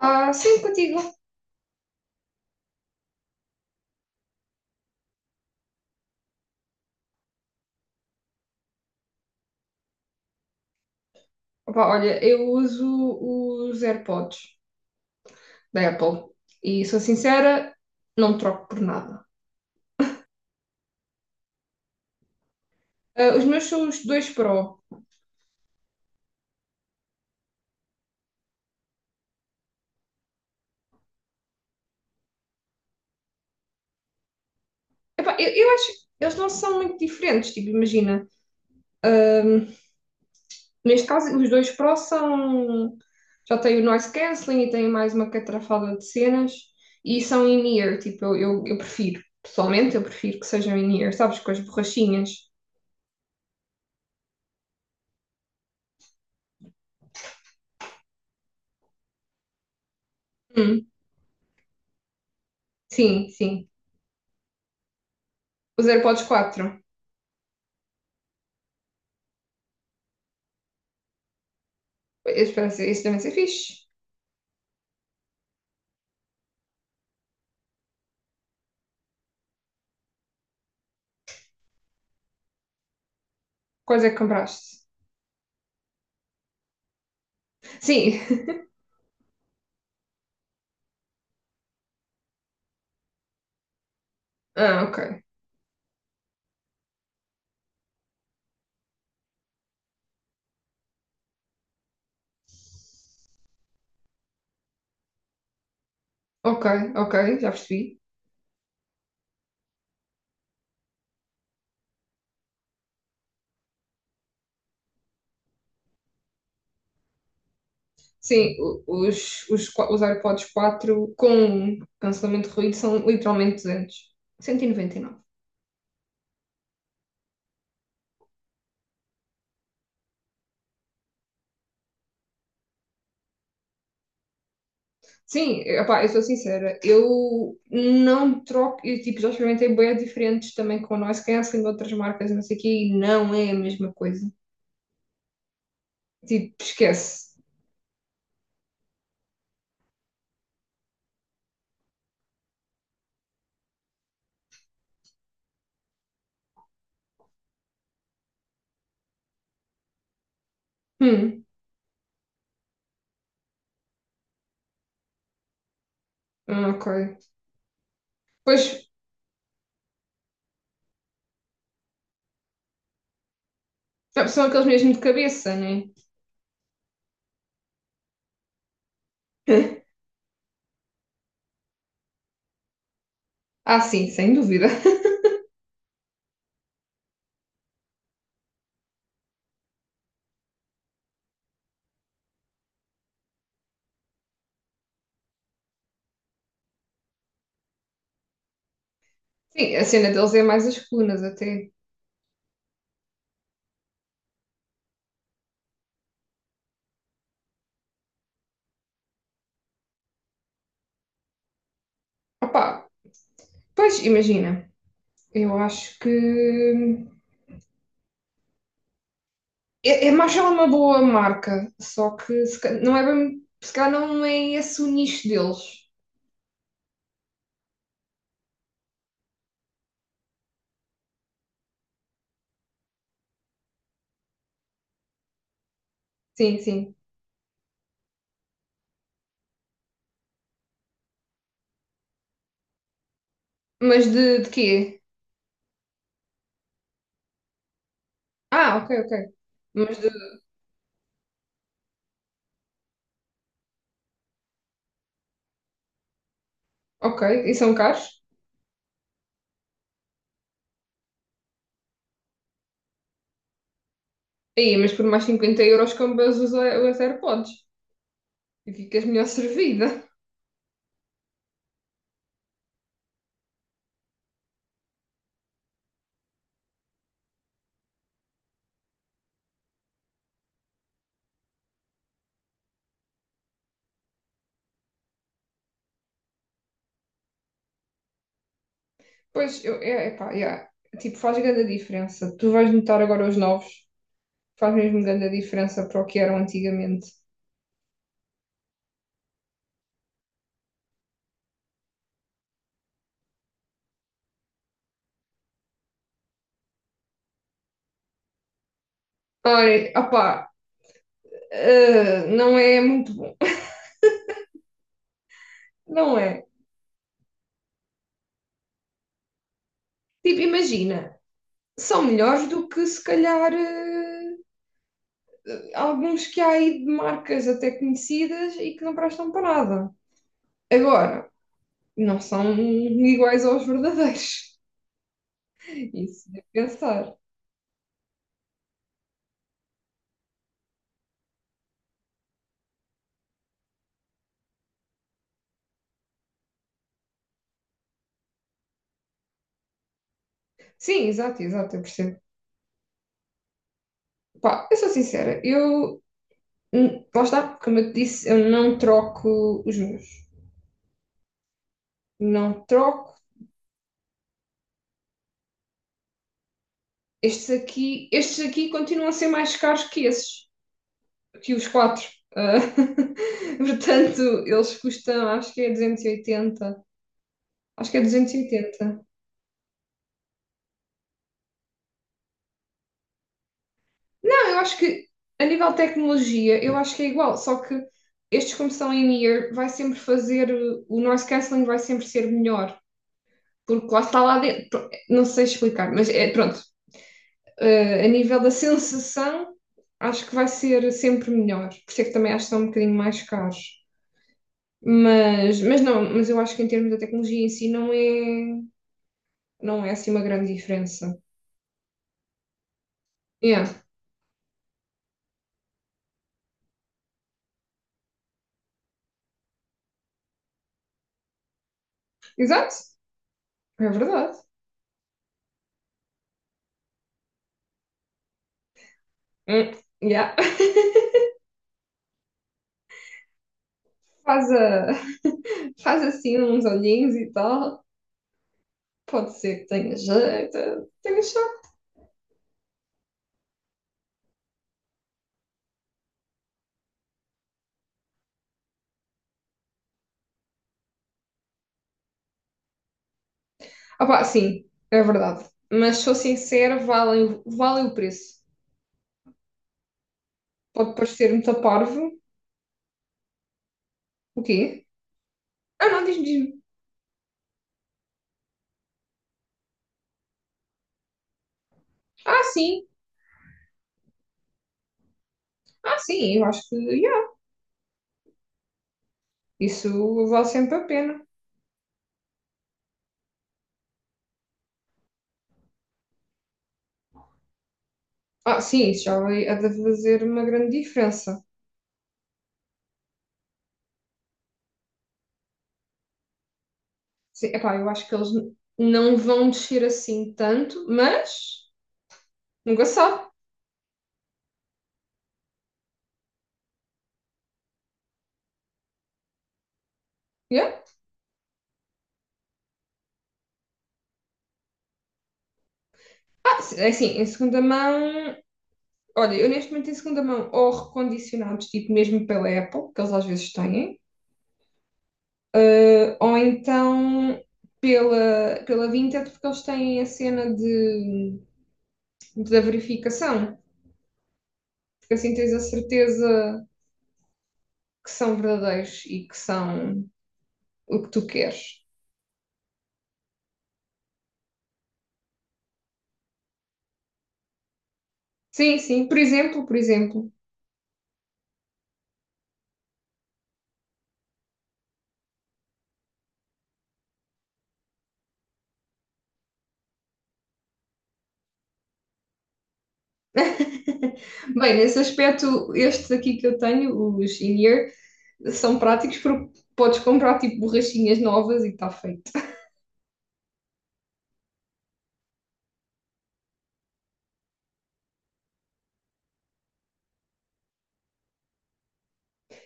Ah, sim, contigo. Opa, olha, eu uso os AirPods da Apple e sou sincera, não troco por nada. Ah, os meus são os dois Pro. Epá, eu acho que eles não são muito diferentes, tipo, imagina. ahm, Neste caso, os dois Pro são. Já têm o noise cancelling e têm mais uma catrafada de cenas e são in-ear, tipo, eu prefiro. Pessoalmente, eu prefiro que sejam in-ear, sabes, com as borrachinhas. Hum, sim, sim. Os AirPods quatro. Eu espero isso também ser fixe. Quais é que compraste? Sim. Ah, ok. Ok, ok, já percebi. Sim, os AirPods quatro com cancelamento de ruído são literalmente duzentos. Cento e noventa e nove. Sim, epá, eu sou sincera, eu não troco, eu tipo, já experimentei bué diferentes também com noise cancelling de outras marcas, e não sei o quê, e não é a mesma coisa. Tipo, esquece. Hum, ah, ok. Pois, são aqueles mesmo de cabeça, né? Ah, sim, sem dúvida. Sim, a cena deles é mais as colunas até. Opá, pois imagina, eu acho que é, é Marshall é uma boa marca, só que se, ca- não é bem, se calhar não é esse o nicho deles. Sim, sim. Mas de quê? Ah, ok, ok. Mas de, ok, e são caros? Aí, mas por mais 50 euros compras os AirPods e ficas melhor servida. Pois, eu, é, epá, yeah. Tipo, faz grande diferença. Tu vais notar agora os novos. Faz mesmo grande a diferença para o que eram antigamente. Olha, opá, eh, não é muito bom. Não é. Tipo, imagina, são melhores do que se calhar eh, alguns que há aí de marcas até conhecidas e que não prestam para nada. Agora, não são iguais aos verdadeiros. Isso de pensar. Sim, exato, exato, eu percebo. Pá, eu sou sincera, eu, lá está, como eu te disse, eu não troco os meus. Não troco. Estes aqui continuam a ser mais caros que esses, que os quatro. Ah, portanto, eles custam, acho que é 280. Acho que é 280. Não, eu acho que a nível de tecnologia, eu acho que é igual, só que estes, como são in-ear, vai sempre fazer, o noise cancelling vai sempre ser melhor, porque lá está lá dentro. Não sei explicar, mas é pronto. A nível da sensação, acho que vai ser sempre melhor. Por isso é que também acho que são um bocadinho mais caros. Mas não, mas eu acho que em termos da tecnologia em si não é, não é assim uma grande diferença. Yeah. Exato, é verdade. Hum, yeah. Faz, faz assim uns olhinhos e tal. Pode ser que tenha jeito. Opá, sim, é verdade. Mas sou sincera, vale, vale o preço. Pode parecer muito parvo. O quê? Ah, não, diz-me, diz-me. Ah, sim, ah, sim, eu acho que yeah, isso vale sempre a pena. Ah, sim, isso já vai é de fazer uma grande diferença. Sim, epá, eu acho que eles não vão descer assim tanto, mas nunca se sabe. Yeah. Ah, é assim, em segunda mão, olha, eu neste momento em segunda mão, ou recondicionados, tipo mesmo pela Apple, que eles às vezes têm, eh, ou então pela Vinted, porque eles têm a cena de, da verificação, porque assim tens a certeza que são verdadeiros e que são o que tu queres. Sim, sim, por exemplo, por exemplo. Bem, nesse aspecto, estes aqui que eu tenho, os in-ear, são práticos porque podes comprar tipo borrachinhas novas e está feito.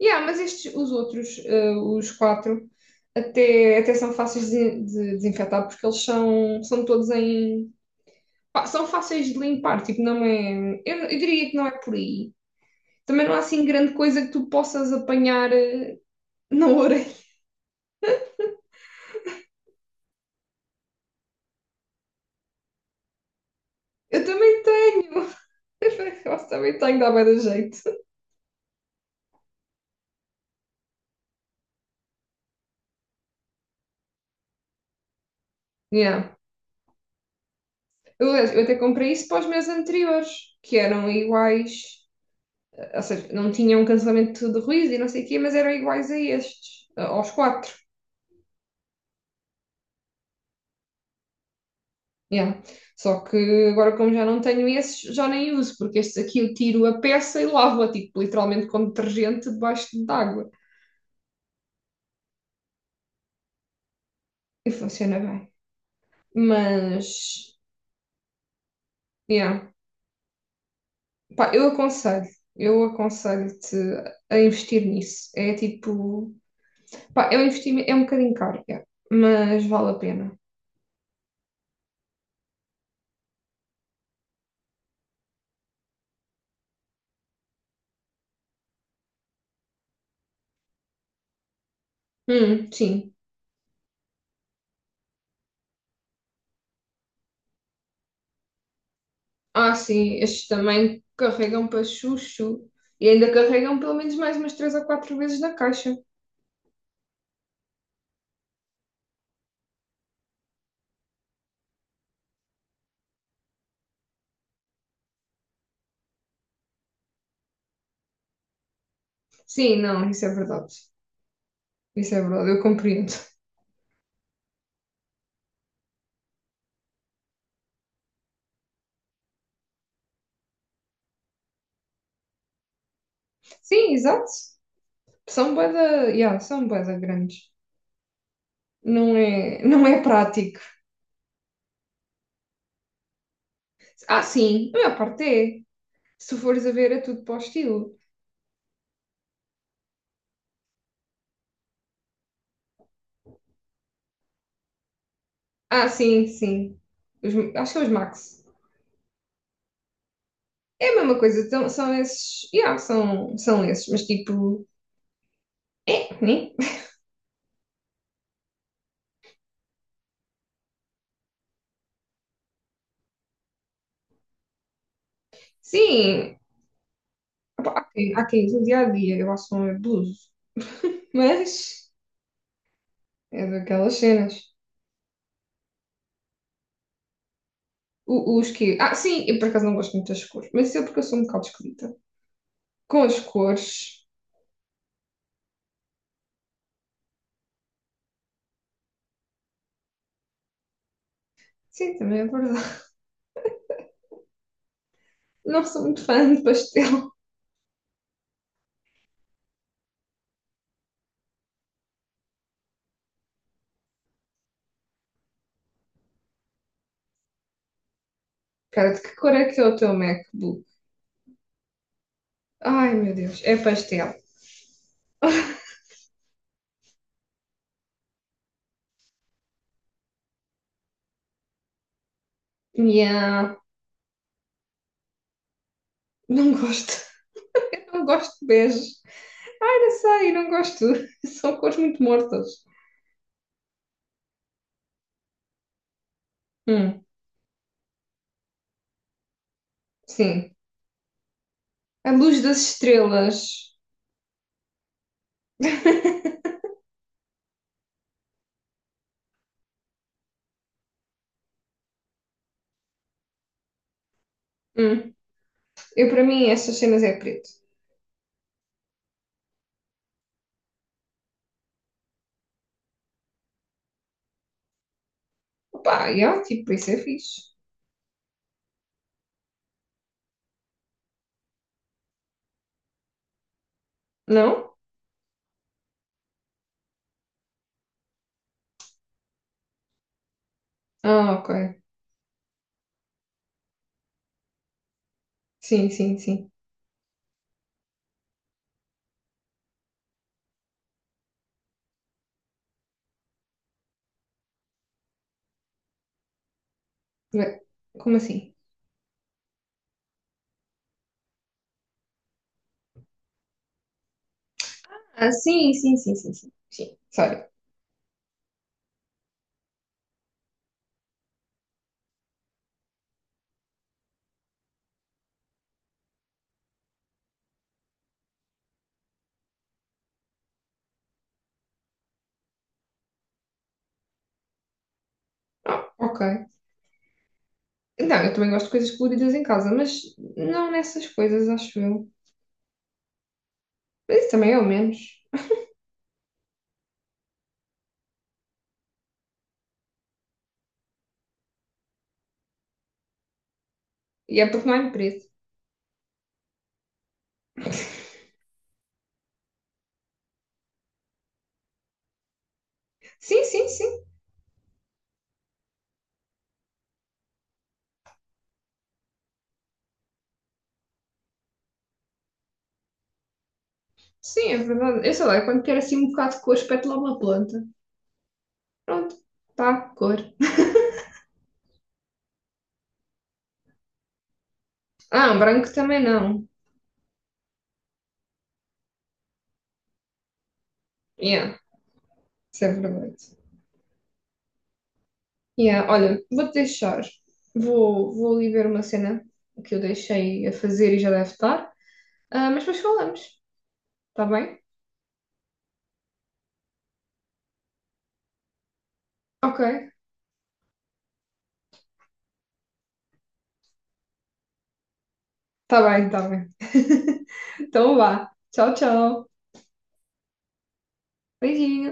Yeah, mas estes, os outros, eh, os quatro, até, até são fáceis de desinfetar porque eles são todos em. Pá, são fáceis de limpar, tipo, não é. Eu diria que não é por aí. Também não há assim grande coisa que tu possas apanhar eh, na orelha. Eu também tenho! Eu também tenho, dá bem da jeito. Yeah. Eu até comprei isso para os meus anteriores, que eram iguais, ou seja, não tinham cancelamento de ruído e não sei o quê, mas eram iguais a estes, aos quatro. Yeah. Só que agora, como já não tenho esses, já nem uso, porque estes aqui eu tiro a peça e lavo-a, tipo, literalmente com detergente debaixo de água. E funciona bem. Mas, yeah. Pá, eu aconselho, eu aconselho-te a investir nisso. É tipo, pá, é um investimento, é um bocadinho caro, yeah, mas vale a pena. Sim. Ah, sim, estes também carregam para chuchu. E ainda carregam pelo menos mais umas três ou quatro vezes na caixa. Sim, não, isso é verdade. Isso é verdade, eu compreendo. Sim, exato. São bué da, yeah, são bué da grandes. Não é, não é prático. Ah, sim, a maior parte é. Se fores a ver, é tudo para o estilo. Ah, sim, sim. Os- acho que é os Max. É a mesma coisa, então, são esses. Yeah, são, são esses, mas tipo. Né? Sim, opa, há quem no dia a dia eu relação a abusos, mas é daquelas cenas. O- os que. Ah, sim, eu por acaso não gosto muito das cores, mas isso é porque eu sou um bocado esquisita. Com as cores, sim, também é verdade. Não sou muito fã de pastel. Cara, de que cor é que é o teu MacBook? Ai meu Deus, é pastel. Yeah, não gosto. Não gosto de bege. Ai, não sei, não gosto. São cores muito mortas. Hum, sim. A luz das estrelas. Hum. Eu, para mim, essas cenas é preto. Opa, yeah, tipo, isso é fixe. Não? Ah, ok. Sim, sim, sim. Ué, como assim? Ah, sim, sim, sim, sim, sim. Sim, sorry. Ah, ok. Não, eu também gosto de coisas coloridas em casa, mas não nessas coisas, acho eu. Mas isso também é o menos. E é porque não é em preto. Sim, sim, sim. Sim, é verdade. Eu sei lá, eu quando quero assim um bocado de cor, espeto lá uma planta. Pronto. Tá, cor. Ah, um branco também não. Yeah, isso é verdade. Yeah, olha, vou-te deixar. Vou, vou ali ver uma cena que eu deixei a fazer e já deve estar. Ah, mas depois falamos, tá bem? Ok, tá bem. Então vá. Tchau, tchau. Beijinho.